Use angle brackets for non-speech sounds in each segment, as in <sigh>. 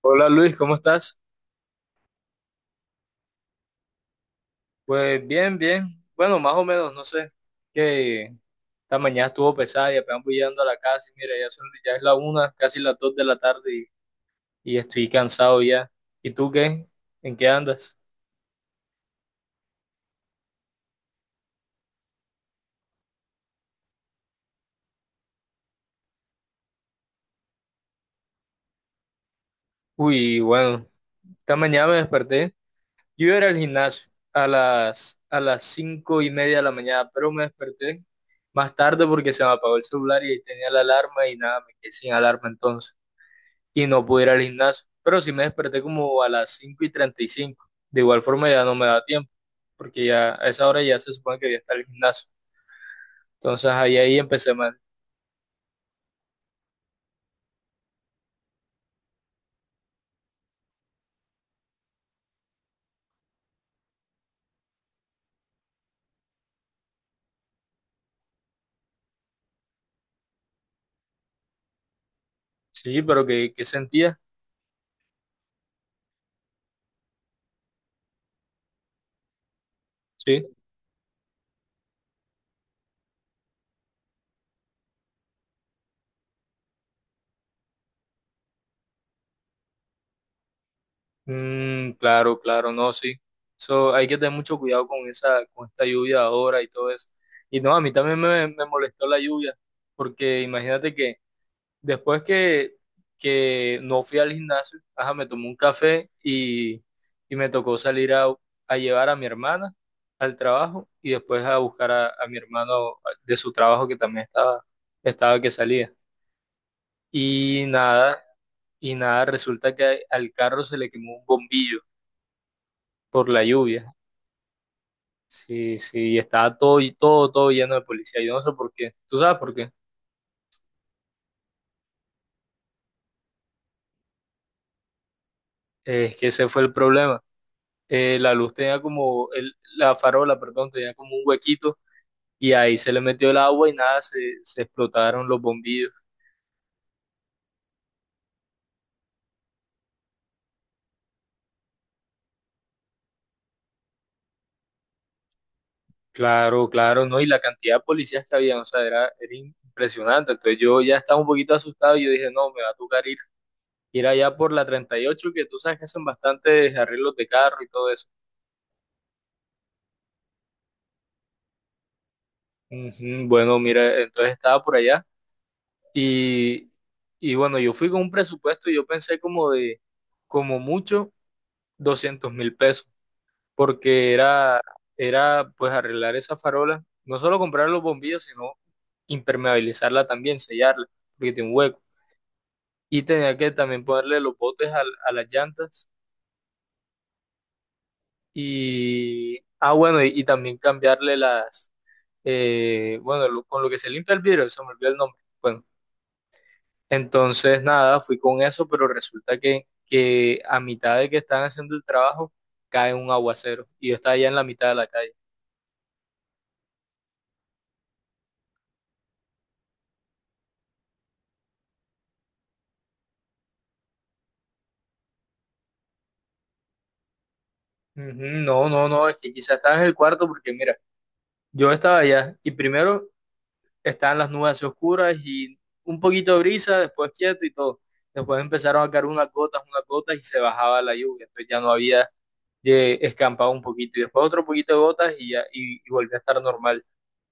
Hola Luis, ¿cómo estás? Pues bien, bien. Bueno, más o menos, no sé. Que esta mañana estuvo pesada y apenas voy llegando a la casa y mira, ya es la 1, casi las 2 de la tarde y estoy cansado ya. ¿Y tú qué? ¿En qué andas? Uy, bueno, esta mañana me desperté. Yo iba a ir al gimnasio a las 5:30 de la mañana, pero me desperté más tarde porque se me apagó el celular y ahí tenía la alarma y nada, me quedé sin alarma entonces. Y no pude ir al gimnasio. Pero sí me desperté como a las 5:35. De igual forma ya no me da tiempo, porque ya a esa hora ya se supone que voy a estar en el gimnasio. Entonces ahí empecé mal. Sí, pero ¿qué sentía? Sí. Mm, claro, claro, no, sí. So, hay que tener mucho cuidado con esta lluvia ahora y todo eso. Y no, a mí también me molestó la lluvia, porque imagínate que después que no fui al gimnasio, ajá, me tomé un café y me tocó salir a llevar a mi hermana al trabajo y después a buscar a mi hermano de su trabajo que también estaba que salía. Y nada, y nada, resulta que al carro se le quemó un bombillo por la lluvia. Sí, sí, y estaba todo lleno de policía. Yo no sé por qué. ¿Tú sabes por qué? Es que ese fue el problema. La luz tenía como, la farola, perdón, tenía como un huequito y ahí se le metió el agua y nada, se explotaron los bombillos. Claro, claro, ¿no? Y la cantidad de policías que había, o sea, era impresionante. Entonces yo ya estaba un poquito asustado y yo dije, no, me va a tocar ir allá por la 38 que tú sabes que hacen bastantes arreglos de carro y todo eso. Ujú. Bueno, mira, entonces estaba por allá y, y bueno, yo fui con un presupuesto y yo pensé como mucho, 200.000 pesos. Porque era pues arreglar esa farola, no solo comprar los bombillos, sino impermeabilizarla también, sellarla, porque tiene un hueco. Y tenía que también ponerle los botes a las llantas y, bueno, y también cambiarle las, bueno, con lo que se limpia el vidrio, se me olvidó el nombre. Bueno, entonces nada, fui con eso, pero resulta que a mitad de que están haciendo el trabajo cae un aguacero y yo estaba allá en la mitad de la calle. Ujú. No, no, no, es que quizás estabas en el cuarto porque mira, yo estaba allá y primero estaban las nubes así oscuras y un poquito de brisa, después quieto y todo. Después empezaron a caer unas gotas y se bajaba la lluvia, entonces ya no había escampado un poquito y después otro poquito de gotas y ya y volvió a estar normal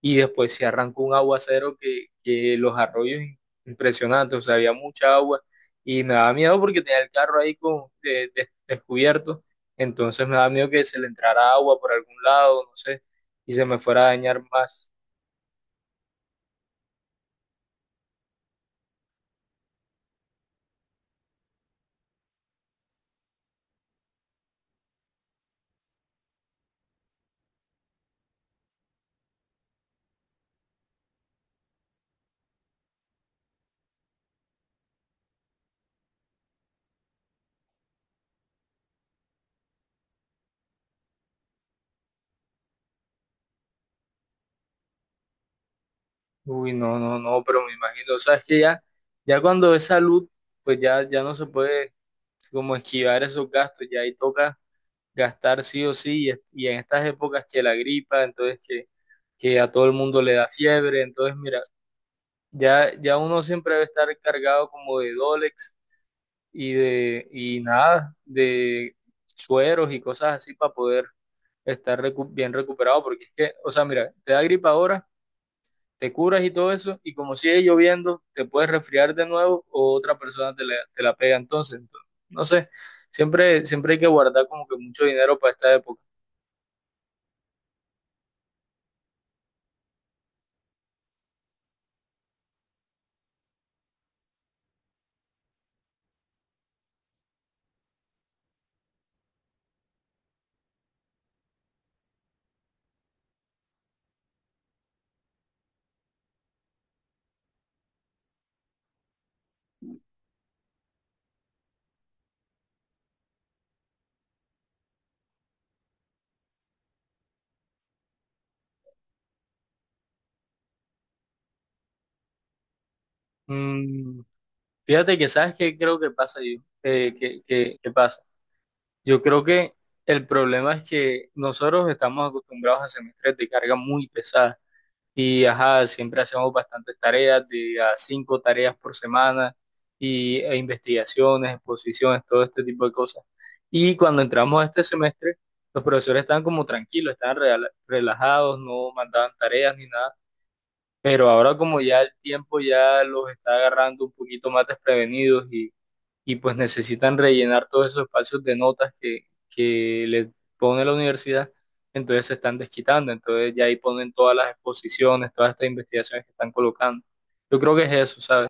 y después se arrancó un aguacero que los arroyos impresionantes, o sea, había mucha agua y me daba miedo porque tenía el carro ahí descubierto, entonces me daba miedo que se le entrara agua por algún lado, no sé, y se me fuera a dañar más. Uy, no, no, no, pero me imagino, o sea, es que ya cuando es salud, pues ya no se puede como esquivar esos gastos, ya ahí toca gastar sí o sí, y en estas épocas que la gripa, entonces que a todo el mundo le da fiebre, entonces mira, ya uno siempre debe estar cargado como de Dolex y de, y nada, de sueros y cosas así para poder estar bien recuperado, porque es que, o sea, mira, te da gripa ahora, te curas y todo eso, y como sigue lloviendo, te puedes resfriar de nuevo o otra persona te la pega entonces, no sé, siempre, siempre hay que guardar como que mucho dinero para esta época. Mm, fíjate que sabes qué creo que pasa yo. Que pasa. Yo creo que el problema es que nosotros estamos acostumbrados a semestres de carga muy pesada y ajá, siempre hacemos bastantes tareas, de a cinco tareas por semana e investigaciones, exposiciones, todo este tipo de cosas. Y cuando entramos a este semestre, los profesores estaban como tranquilos, estaban relajados, no mandaban tareas ni nada, pero ahora como ya el tiempo ya los está agarrando un poquito más desprevenidos y pues necesitan rellenar todos esos espacios de notas que les pone la universidad, entonces se están desquitando, entonces ya ahí ponen todas las exposiciones, todas estas investigaciones que están colocando. Yo creo que es eso, ¿sabes?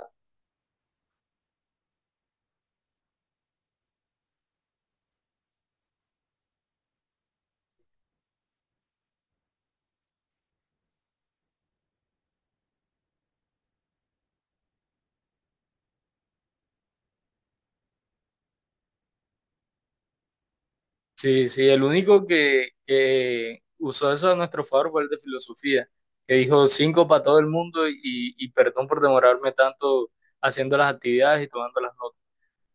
Sí, sí, el único que usó eso a nuestro favor fue el de filosofía, que dijo cinco para todo el mundo y perdón por demorarme tanto haciendo las actividades y tomando las notas.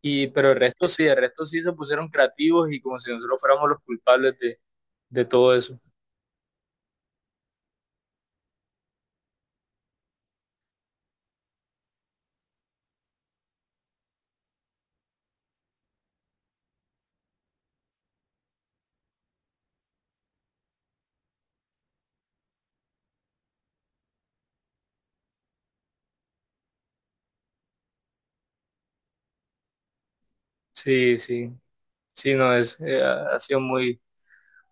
Pero el resto sí se pusieron creativos y como si nosotros fuéramos los culpables de todo eso. Sí, sí, sí, no, es, ha ha sido muy,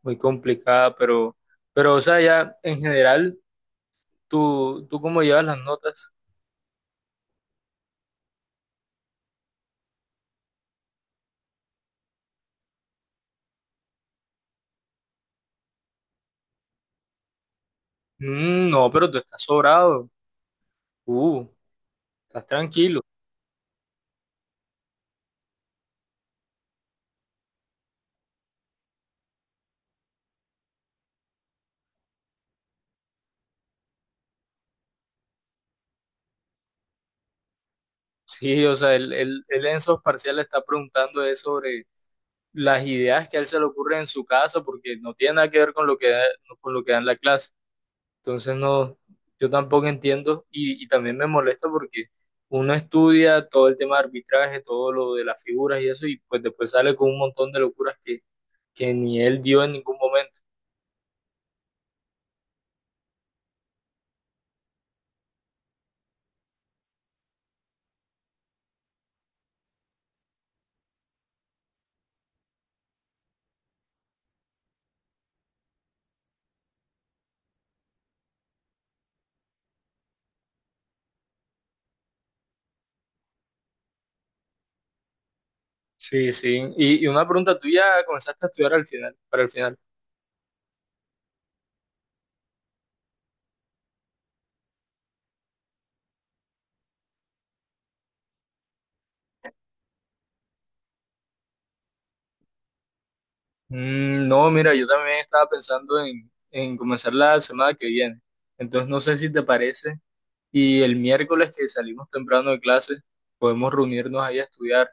muy complicada, pero, o sea, ya en general, tú cómo llevas las notas? Mm, no, pero tú estás sobrado. uh, Estás tranquilo. <laughs> Sí, o sea, él en esos parciales está preguntando es sobre las ideas que a él se le ocurren en su casa, porque no tiene nada que ver con lo que da, en la clase. Entonces no, yo tampoco entiendo y también me molesta porque uno estudia todo el tema de arbitraje, todo lo de las figuras y eso, y pues después sale con un montón de locuras que ni él dio en ningún momento. Sí, sí. Y una pregunta, ¿tú ya comenzaste a estudiar al final, para el final? Mm, no, mira, yo también estaba pensando en comenzar la semana que viene. Entonces no sé si te parece, y el miércoles que salimos temprano de clase, podemos reunirnos ahí a estudiar.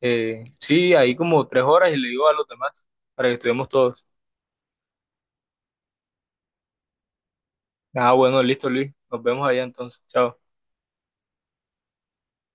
Sí, ahí como 3 horas y le digo a los demás para que estuvimos todos. Ah, bueno, listo, Luis. Nos vemos allá entonces. Chao.